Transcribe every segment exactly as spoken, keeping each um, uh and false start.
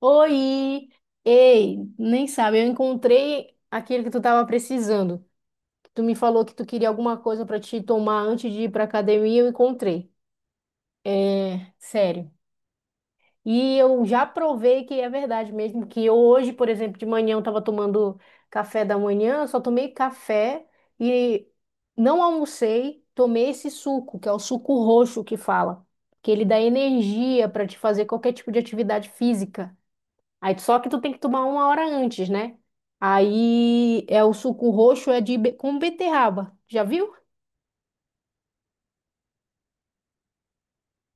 Oi! Ei, nem sabe, eu encontrei aquilo que tu tava precisando. Tu me falou que tu queria alguma coisa pra te tomar antes de ir pra academia, eu encontrei. É, sério. E eu já provei que é verdade mesmo, que eu hoje, por exemplo, de manhã eu tava tomando café da manhã, eu só tomei café e não almocei, tomei esse suco, que é o suco roxo que fala, que ele dá energia pra te fazer qualquer tipo de atividade física. Aí só que tu tem que tomar uma hora antes, né? Aí é o suco roxo é de be- com beterraba. Já viu?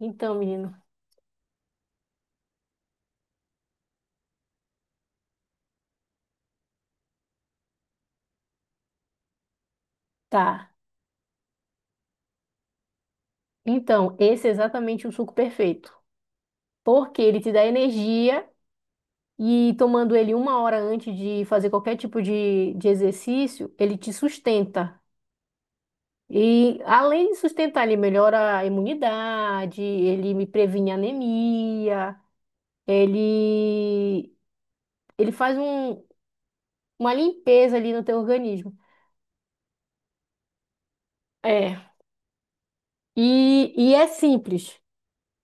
Então, menino, tá. Então, esse é exatamente o suco perfeito. Porque ele te dá energia e tomando ele uma hora antes de fazer qualquer tipo de, de exercício, ele te sustenta. E além de sustentar, ele melhora a imunidade, ele me previne anemia, ele, ele faz um, uma limpeza ali no teu organismo. É. E, e é simples.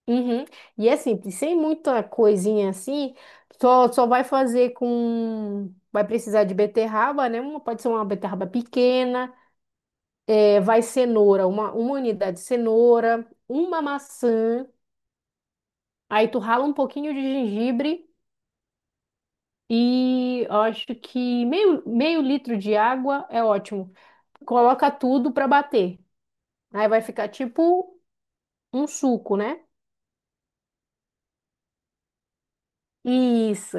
Uhum. E é simples, sem muita coisinha assim, só, só vai fazer com. Vai precisar de beterraba, né? Uma, pode ser uma beterraba pequena, é, vai cenoura, uma, uma unidade de cenoura, uma maçã, aí tu rala um pouquinho de gengibre e eu acho que meio, meio litro de água é ótimo. Coloca tudo pra bater. Aí vai ficar tipo um suco, né? Isso.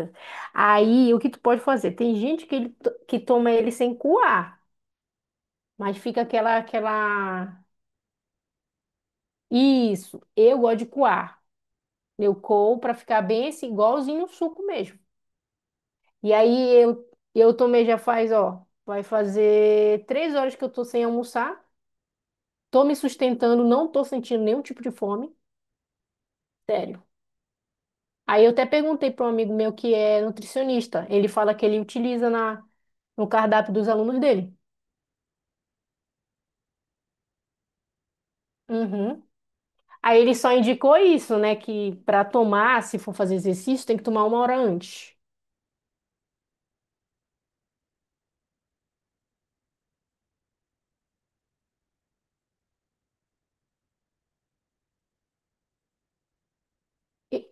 Aí, o que tu pode fazer? Tem gente que, ele, to- que toma ele sem coar, mas fica aquela, aquela... Isso, eu gosto de coar. Eu coo pra ficar bem esse, igualzinho um suco mesmo. E aí, eu, eu tomei já faz, ó, vai fazer três horas que eu tô sem almoçar. Tô me sustentando, não tô sentindo nenhum tipo de fome, sério. Aí, eu até perguntei para um amigo meu que é nutricionista. Ele fala que ele utiliza na, no cardápio dos alunos dele. Uhum. Aí ele só indicou isso, né? Que para tomar, se for fazer exercício, tem que tomar uma hora antes. E-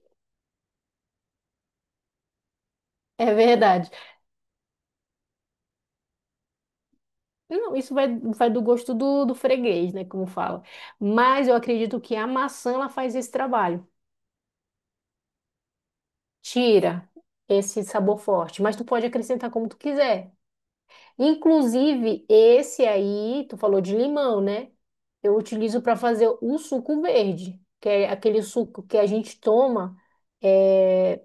É verdade. Não, isso vai, vai do gosto do, do freguês, né? Como fala. Mas eu acredito que a maçã ela faz esse trabalho. Tira esse sabor forte. Mas tu pode acrescentar como tu quiser. Inclusive, esse aí, tu falou de limão, né? Eu utilizo para fazer o suco verde, que é aquele suco que a gente toma. É,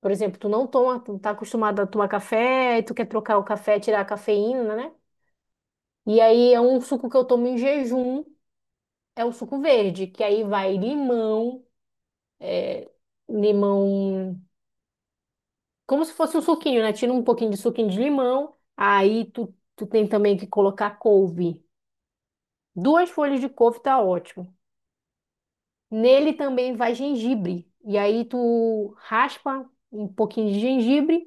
por exemplo, tu não toma, tu tá acostumado a tomar café, e tu quer trocar o café, tirar a cafeína, né? E aí é um suco que eu tomo em jejum, é o suco verde, que aí vai limão, é, limão, como se fosse um suquinho, né? Tira um pouquinho de suquinho de limão, aí tu, tu tem também que colocar couve. Duas folhas de couve tá ótimo. Nele também vai gengibre. E aí tu raspa um pouquinho de gengibre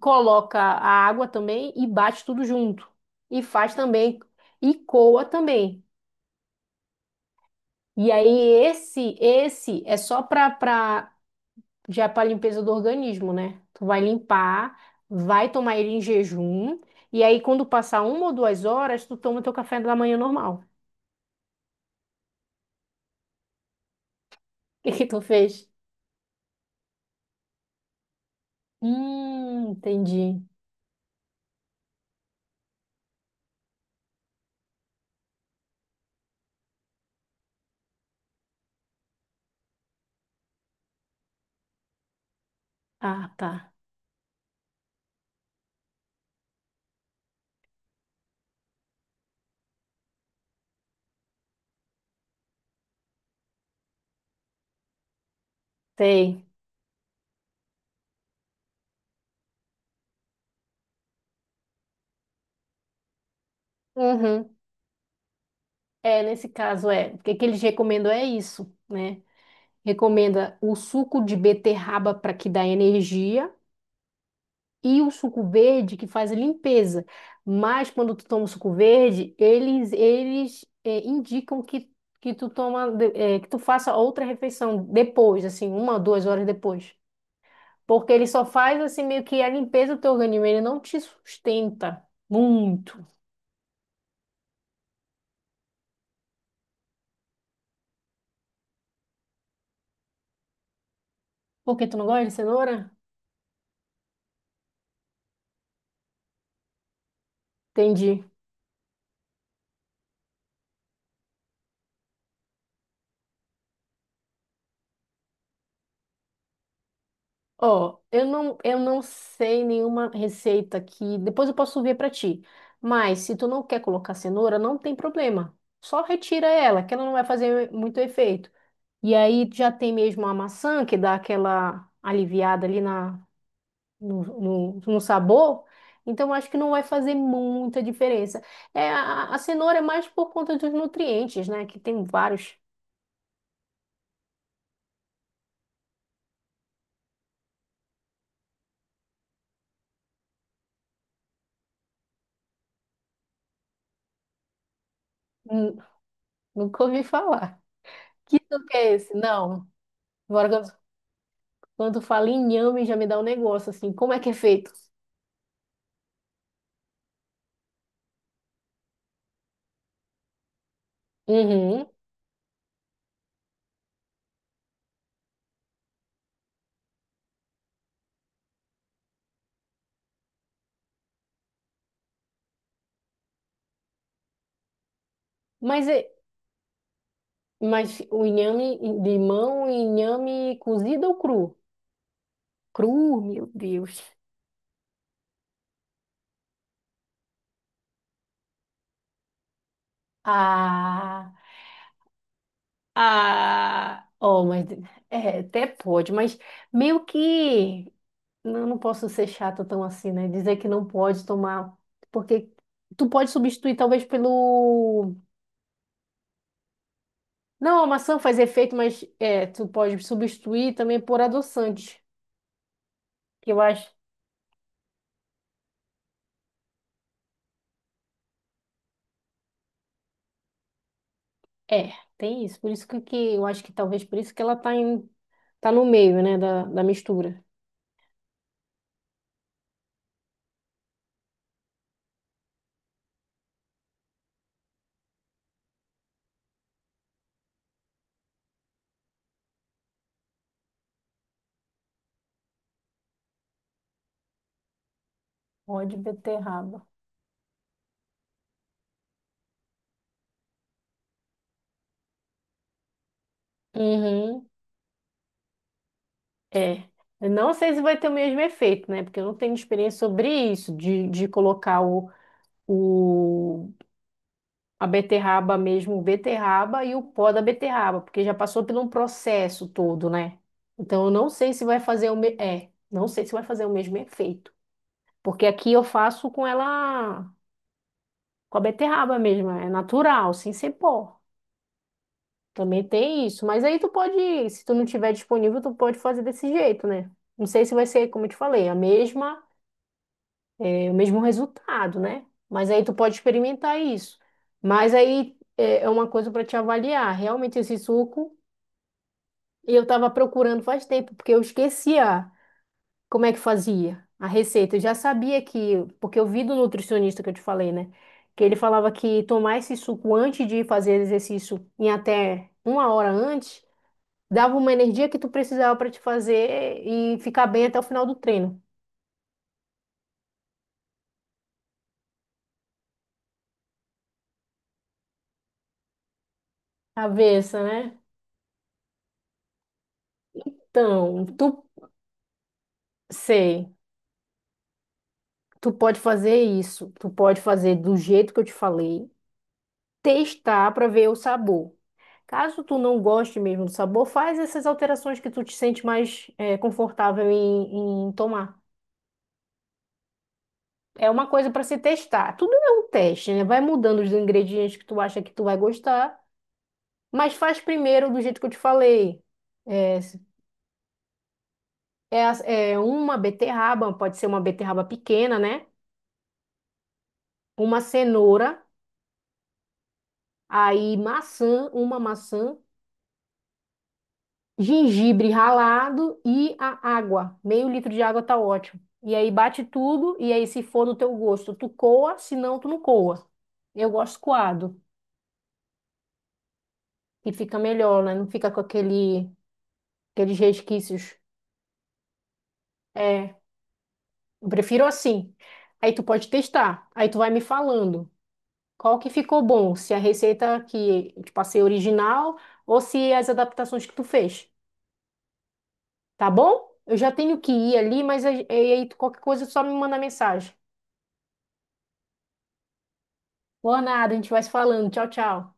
coloca a água também e bate tudo junto. E faz também e coa também. E aí esse esse é só para para já para limpeza do organismo, né? Tu vai limpar, vai tomar ele em jejum e aí quando passar uma ou duas horas, tu toma teu café da manhã normal. O que que tu fez? Hum, entendi. Ah, tá. Sei. Uhum. É, nesse caso é, o que que eles recomendam é isso, né? Recomenda o suco de beterraba para que dá energia e o suco verde que faz a limpeza. Mas quando tu toma o suco verde, eles eles eh, indicam que que tu toma de- eh, que tu faça outra refeição depois, assim, uma, duas horas depois, porque ele só faz assim meio que a limpeza do teu organismo, ele não te sustenta muito. Por que tu não gosta de cenoura? Entendi. Ó, eu não, eu não sei nenhuma receita que depois eu posso ver para ti. Mas se tu não quer colocar cenoura, não tem problema. Só retira ela, que ela não vai fazer muito efeito. E aí já tem mesmo a maçã que dá aquela aliviada ali na, no, no, no sabor. Então acho que não vai fazer muita diferença. É, a, a cenoura é mais por conta dos nutrientes, né? Que tem vários. Hum, Nunca ouvi falar. Que suco é esse? Não. Quando fala em inhame, já me dá um negócio assim. Como é que é feito? Uhum. Mas, é- mas o inhame de mão, e inhame cozido ou cru? Cru, meu Deus. Ah, ah. Oh, mas é, até pode, mas meio que não, não posso ser chata tão assim, né? Dizer que não pode tomar, porque tu pode substituir talvez pelo. Não, a maçã faz efeito, mas é, tu pode substituir também por adoçante, que eu acho. É, tem isso. Por isso que, que eu acho que talvez por isso que ela tá em, tá no meio, né, da, da mistura. Ó de beterraba. Uhum, é. Eu não sei se vai ter o mesmo efeito, né? Porque eu não tenho experiência sobre isso, de, de colocar o, o, a beterraba mesmo, beterraba e o pó da beterraba, porque já passou por um processo todo, né? Então eu não sei se vai fazer o me... é, não sei se vai fazer o mesmo efeito. Porque aqui eu faço com ela com a beterraba mesmo, é natural, sem ser pó. Também tem isso. Mas aí tu pode, se tu não tiver disponível, tu pode fazer desse jeito, né? Não sei se vai ser, como eu te falei, a mesma, é, o mesmo resultado, né? Mas aí tu pode experimentar isso. Mas aí é é uma coisa para te avaliar. Realmente esse suco, eu tava procurando faz tempo, porque eu esquecia. Como é que fazia a receita? Eu já sabia que, porque eu vi do nutricionista que eu te falei, né? Que ele falava que tomar esse suco antes de fazer exercício em até uma hora antes, dava uma energia que tu precisava para te fazer e ficar bem até o final do treino. Cabeça, né? Então, tu sei, tu pode fazer isso, tu pode fazer do jeito que eu te falei, testar para ver o sabor. Caso tu não goste mesmo do sabor, faz essas alterações que tu te sente mais eh, confortável em, em tomar. É uma coisa para se testar. Tudo é um teste, né? Vai mudando os ingredientes que tu acha que tu vai gostar, mas faz primeiro do jeito que eu te falei. É, se- é, as- É uma beterraba, pode ser uma beterraba pequena, né? Uma cenoura, aí maçã, uma maçã. Gengibre ralado e a água. Meio litro de água tá ótimo. E aí bate tudo, e aí se for do teu gosto, tu coa, se não, tu não coa. Eu gosto coado, e fica melhor, né? Não fica com aquele, aqueles resquícios. É, eu prefiro assim. Aí tu pode testar, aí tu vai me falando qual que ficou bom, se a receita que eu te passei é original ou se as adaptações que tu fez, tá bom? Eu já tenho que ir ali, mas aí aí tu- qualquer coisa só me manda mensagem. Boa nada, a gente vai se falando. Tchau, tchau.